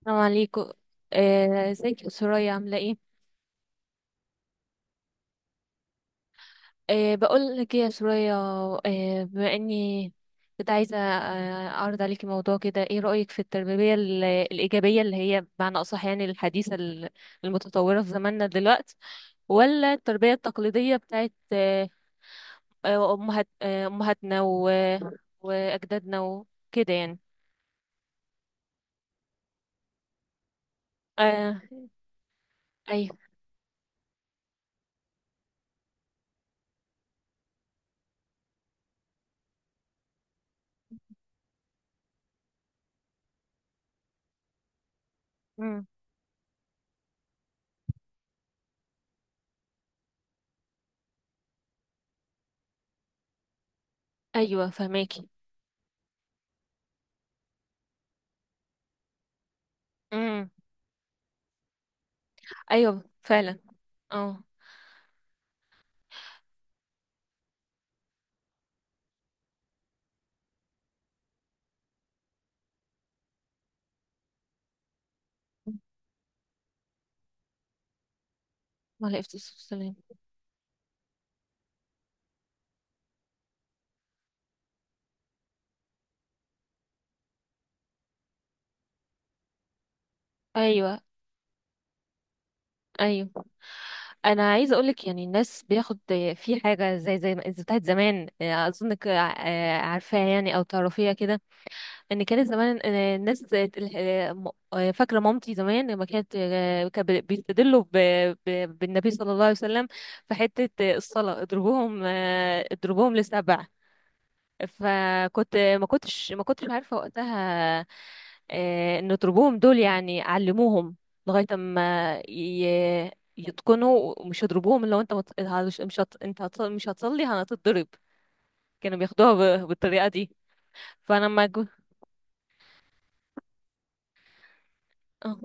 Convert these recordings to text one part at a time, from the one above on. السلام عليكم. ازيك يا سرايا، عامله ايه؟ بقول لك ايه يا سرايا. بما اني كنت عايزه اعرض عليكي موضوع كده، ايه رايك في التربيه الايجابيه اللي هي بمعنى اصح يعني الحديثه المتطوره في زماننا دلوقتي، ولا التربيه التقليديه بتاعت امهات امهاتنا واجدادنا وكده يعني؟ آه. ايوه مم. ايوه، فهماكي. مم. ايوه، فعلا. اه. وعلى السلام. ايوه، ايوه. انا عايزه اقولك، يعني الناس بياخد في حاجه زي ما بتاعت زمان، اظنك عارفاها يعني، او تعرفيها كده. ان كانت زمان الناس فاكره مامتي زمان لما كانت بيستدلوا بالنبي صلى الله عليه وسلم في حته الصلاه، اضربوهم لـ7. فكنت، ما كنتش عارفه وقتها نضربوهم دول، يعني علموهم لغاية ما يتقنوا، ومش يضربوهم. لو انت مت- هت- مش هت... انت هت... مش هتصلي هتتضرب. كانوا بياخدوها بالطريقة دي. فانا لما جو... اه.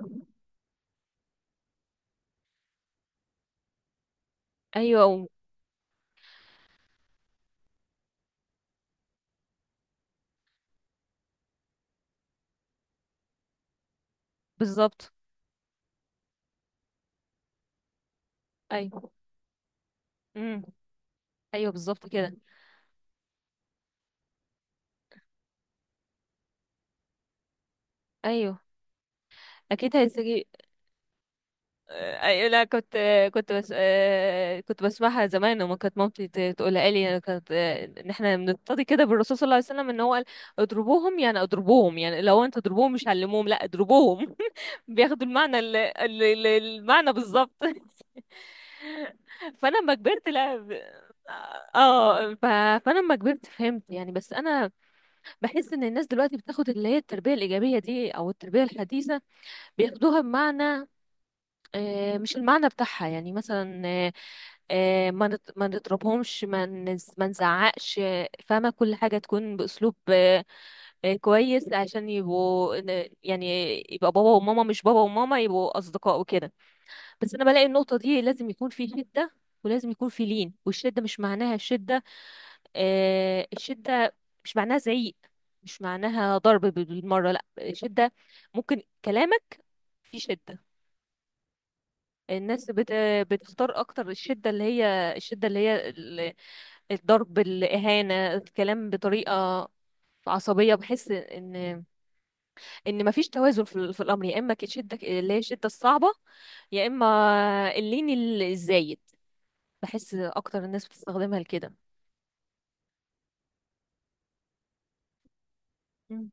ايوه، بالظبط. ايوه. امم. ايوه، بالظبط كده. ايوه، اكيد هيستجيب. أي لا، كنت بس كنت بسمعها زمان، وما كانت مامتي تقولها لي يعني، كانت ان احنا بنقتدي كده بالرسول صلى الله عليه وسلم، ان هو قال: اضربوهم، يعني اضربوهم، يعني لو انت تضربوهم، مش علموهم، لا اضربوهم. بياخدوا المعنى المعنى بالظبط. فانا لما كبرت، لا اه. فانا لما كبرت فهمت يعني، بس انا بحس ان الناس دلوقتي بتاخد اللي هي التربيه الايجابيه دي او التربيه الحديثه، بياخدوها بمعنى مش المعنى بتاعها، يعني مثلا ما نضربهمش، ما نزعقش، فاهمة، كل حاجة تكون بأسلوب كويس، عشان يعني يبقى بابا وماما مش بابا وماما، يبقوا أصدقاء وكده. بس أنا بلاقي النقطة دي لازم يكون في شدة، ولازم يكون في لين. والشدة مش معناها الشدة، الشدة مش معناها زعيق، مش معناها ضرب بالمرة. لا، الشدة ممكن كلامك في شدة. الناس بتختار اكتر الشدة، اللي هي الشدة اللي هي الضرب، الإهانة، الكلام بطريقة عصبية. بحس ان مفيش توازن في الامر، يا اما الشدة اللي هي الشدة الصعبة، يا اما اللين الزايد، بحس اكتر الناس بتستخدمها لكده. مم.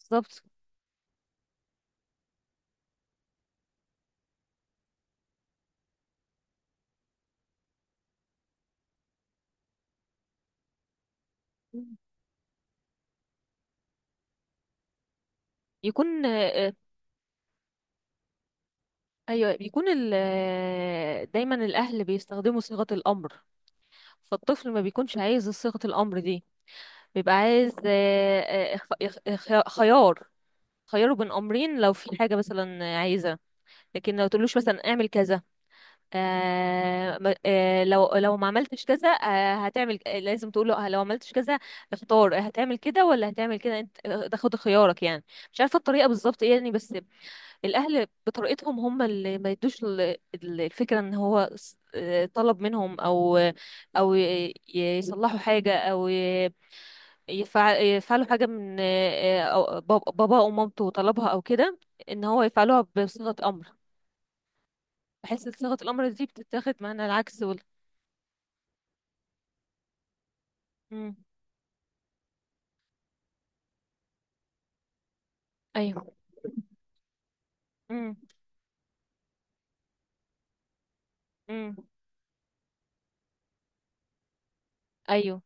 بالظبط. مم. يكون آه، ايوه، بيكون دايما الاهل بيستخدموا صيغة الامر، فالطفل ما بيكونش عايز صيغة الامر دي، بيبقى عايز خيار، خياره بين امرين لو في حاجه مثلا عايزه. لكن لو تقولوش مثلا اعمل كذا، لو ما عملتش كذا هتعمل، لازم تقوله لو عملتش كذا اختار، هتعمل كده ولا هتعمل كده، انت تاخد خيارك يعني. مش عارفه الطريقه بالظبط ايه يعني، بس الاهل بطريقتهم هم اللي ما يدوش الفكره ان هو طلب منهم، او او يصلحوا حاجه، او يفعلوا حاجة من بابا أو مامته طلبها أو كده، إن هو يفعلوها بصيغة أمر، بحيث إن صيغة الأمر دي بتتاخد معنى العكس مم. أيوه. مم. مم. أيوه،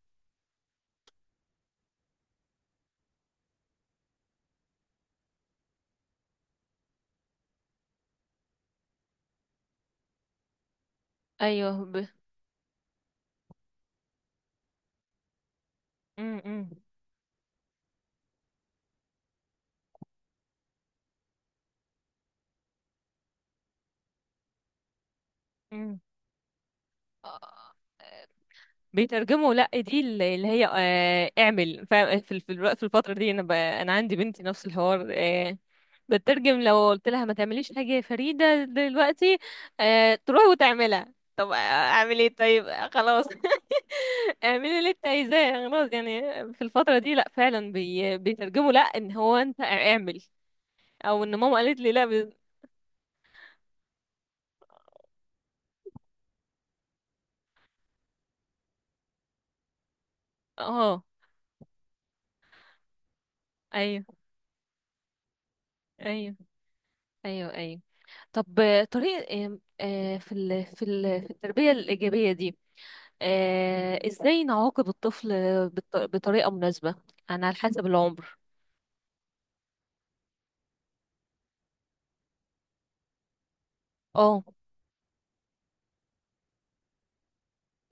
أيوه مم. مم. مم. آه. بيترجموا لا، دي اللي هي اعمل في الوقت، في الفترة دي انا انا عندي بنتي نفس الحوار. بترجم، لو قلت لها ما تعمليش حاجة يا فريدة دلوقتي، تروح وتعملها. طب اعمل ايه؟ طيب خلاص. اعملي اللي انت عايزاه، خلاص يعني. في الفترة دي لا، فعلا بيترجموا لا، ان هو انت اعمل، او ان ماما قالت لي لا اه. ايوه، ايوه، ايوه، ايوه. طب طريقة آم، آه، في في التربية الإيجابية دي، ازاي نعاقب الطفل بطريقة مناسبة، يعني على حسب العمر. اه.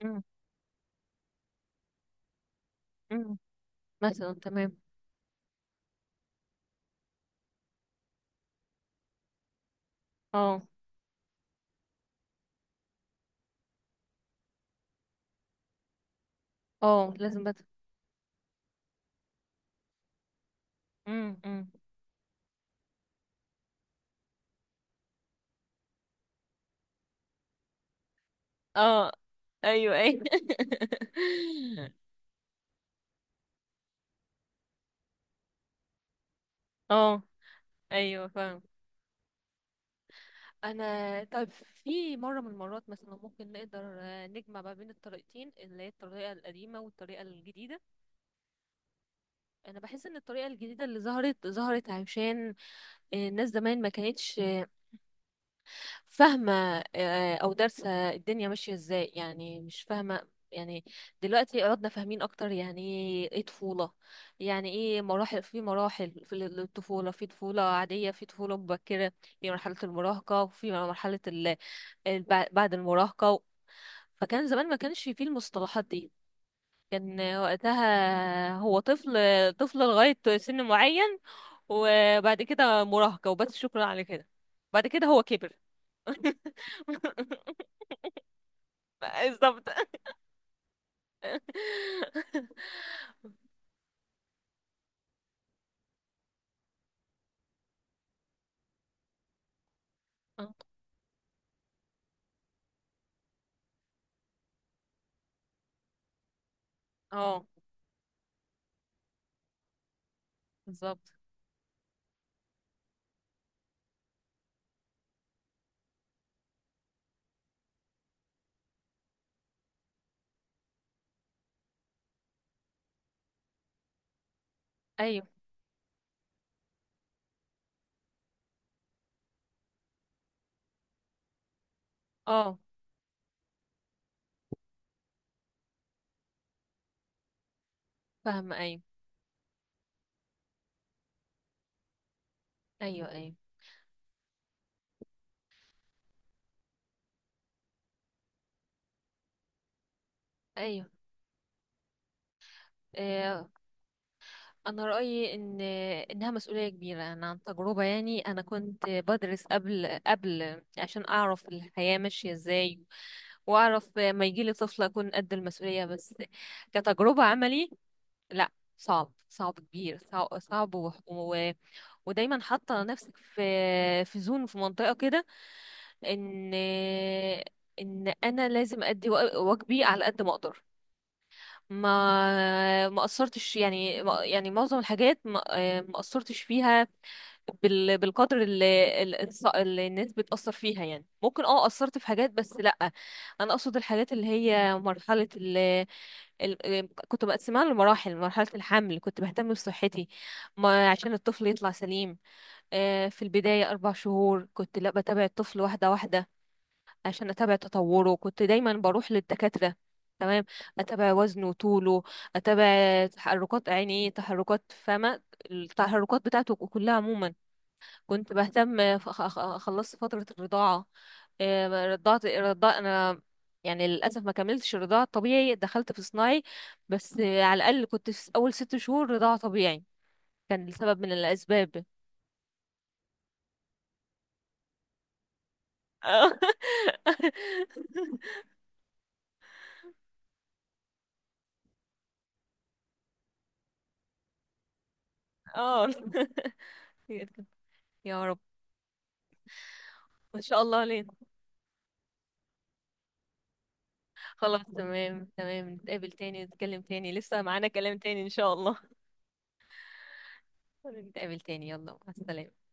أم، أم. مثلا، تمام. اه، اه. لازم أم، أم. اه. ايوه، ايوه. اه، ايوه، فاهم. انا طيب، في مره من المرات مثلا ممكن نقدر نجمع ما بين الطريقتين، اللي هي الطريقه القديمه والطريقه الجديده. انا بحس ان الطريقه الجديده اللي ظهرت عشان الناس زمان ما كانتش فاهمه، او دارسه الدنيا ماشيه ازاي يعني، مش فاهمه يعني. دلوقتي عدنا فاهمين اكتر، يعني ايه طفوله؟ يعني ايه مراحل؟ في مراحل في الطفوله، في طفوله عاديه، في طفوله مبكره، في مرحله المراهقه، وفي مرحله ال- بعد المراهقه. فكان زمان ما كانش فيه المصطلحات دي، كان وقتها هو طفل، طفل لغاية سن معين، وبعد كده مراهقة وبس، شكرا على كده. بعد كده هو كبر. بالظبط. اه، بالظبط. ايوه. اه، فاهمة، ايوه، ايوه، ايوه، ايوه. آه، انا رايي ان انها مسؤوليه كبيره. انا عن تجربه يعني، انا كنت بدرس قبل عشان اعرف الحياه ماشيه ازاي، واعرف ما يجيلي طفل اكون قد المسؤوليه. بس كتجربه عملي، لا، صعب، صعب كبير، صعب، صعب ودايما حاطه نفسك في زون، في منطقه كده. ان انا لازم ادي واجبي على قد ما اقدر. ما قصرتش يعني، يعني معظم الحاجات ما قصرتش فيها بالقدر اللي اللي الناس بتأثر فيها، يعني ممكن اه قصرت في حاجات، بس لأ، انا اقصد الحاجات اللي هي مرحلة كنت مقسماها لمراحل. مرحلة الحمل كنت بهتم بصحتي ما عشان الطفل يطلع سليم. في البداية 4 شهور كنت لا بتابع الطفل واحدة واحدة عشان اتابع تطوره، كنت دايما بروح للدكاترة، تمام، اتابع وزنه، طوله، اتابع تحركات عينيه، تحركات فمه، التحركات بتاعته كلها عموما. كنت بهتم، خلصت فترة الرضاعة. رضعت، رضع انا، يعني للاسف ما كملتش الرضاعة الطبيعي، دخلت في صناعي، بس على الاقل كنت في اول 6 شهور رضاعة طبيعي، كان لسبب من الاسباب. اه. يا رب. ان شاء الله لين. خلاص، تمام، تمام، نتقابل تاني، نتكلم تاني، لسه معانا كلام تاني ان شاء الله. نتقابل تاني، يلا مع السلامة.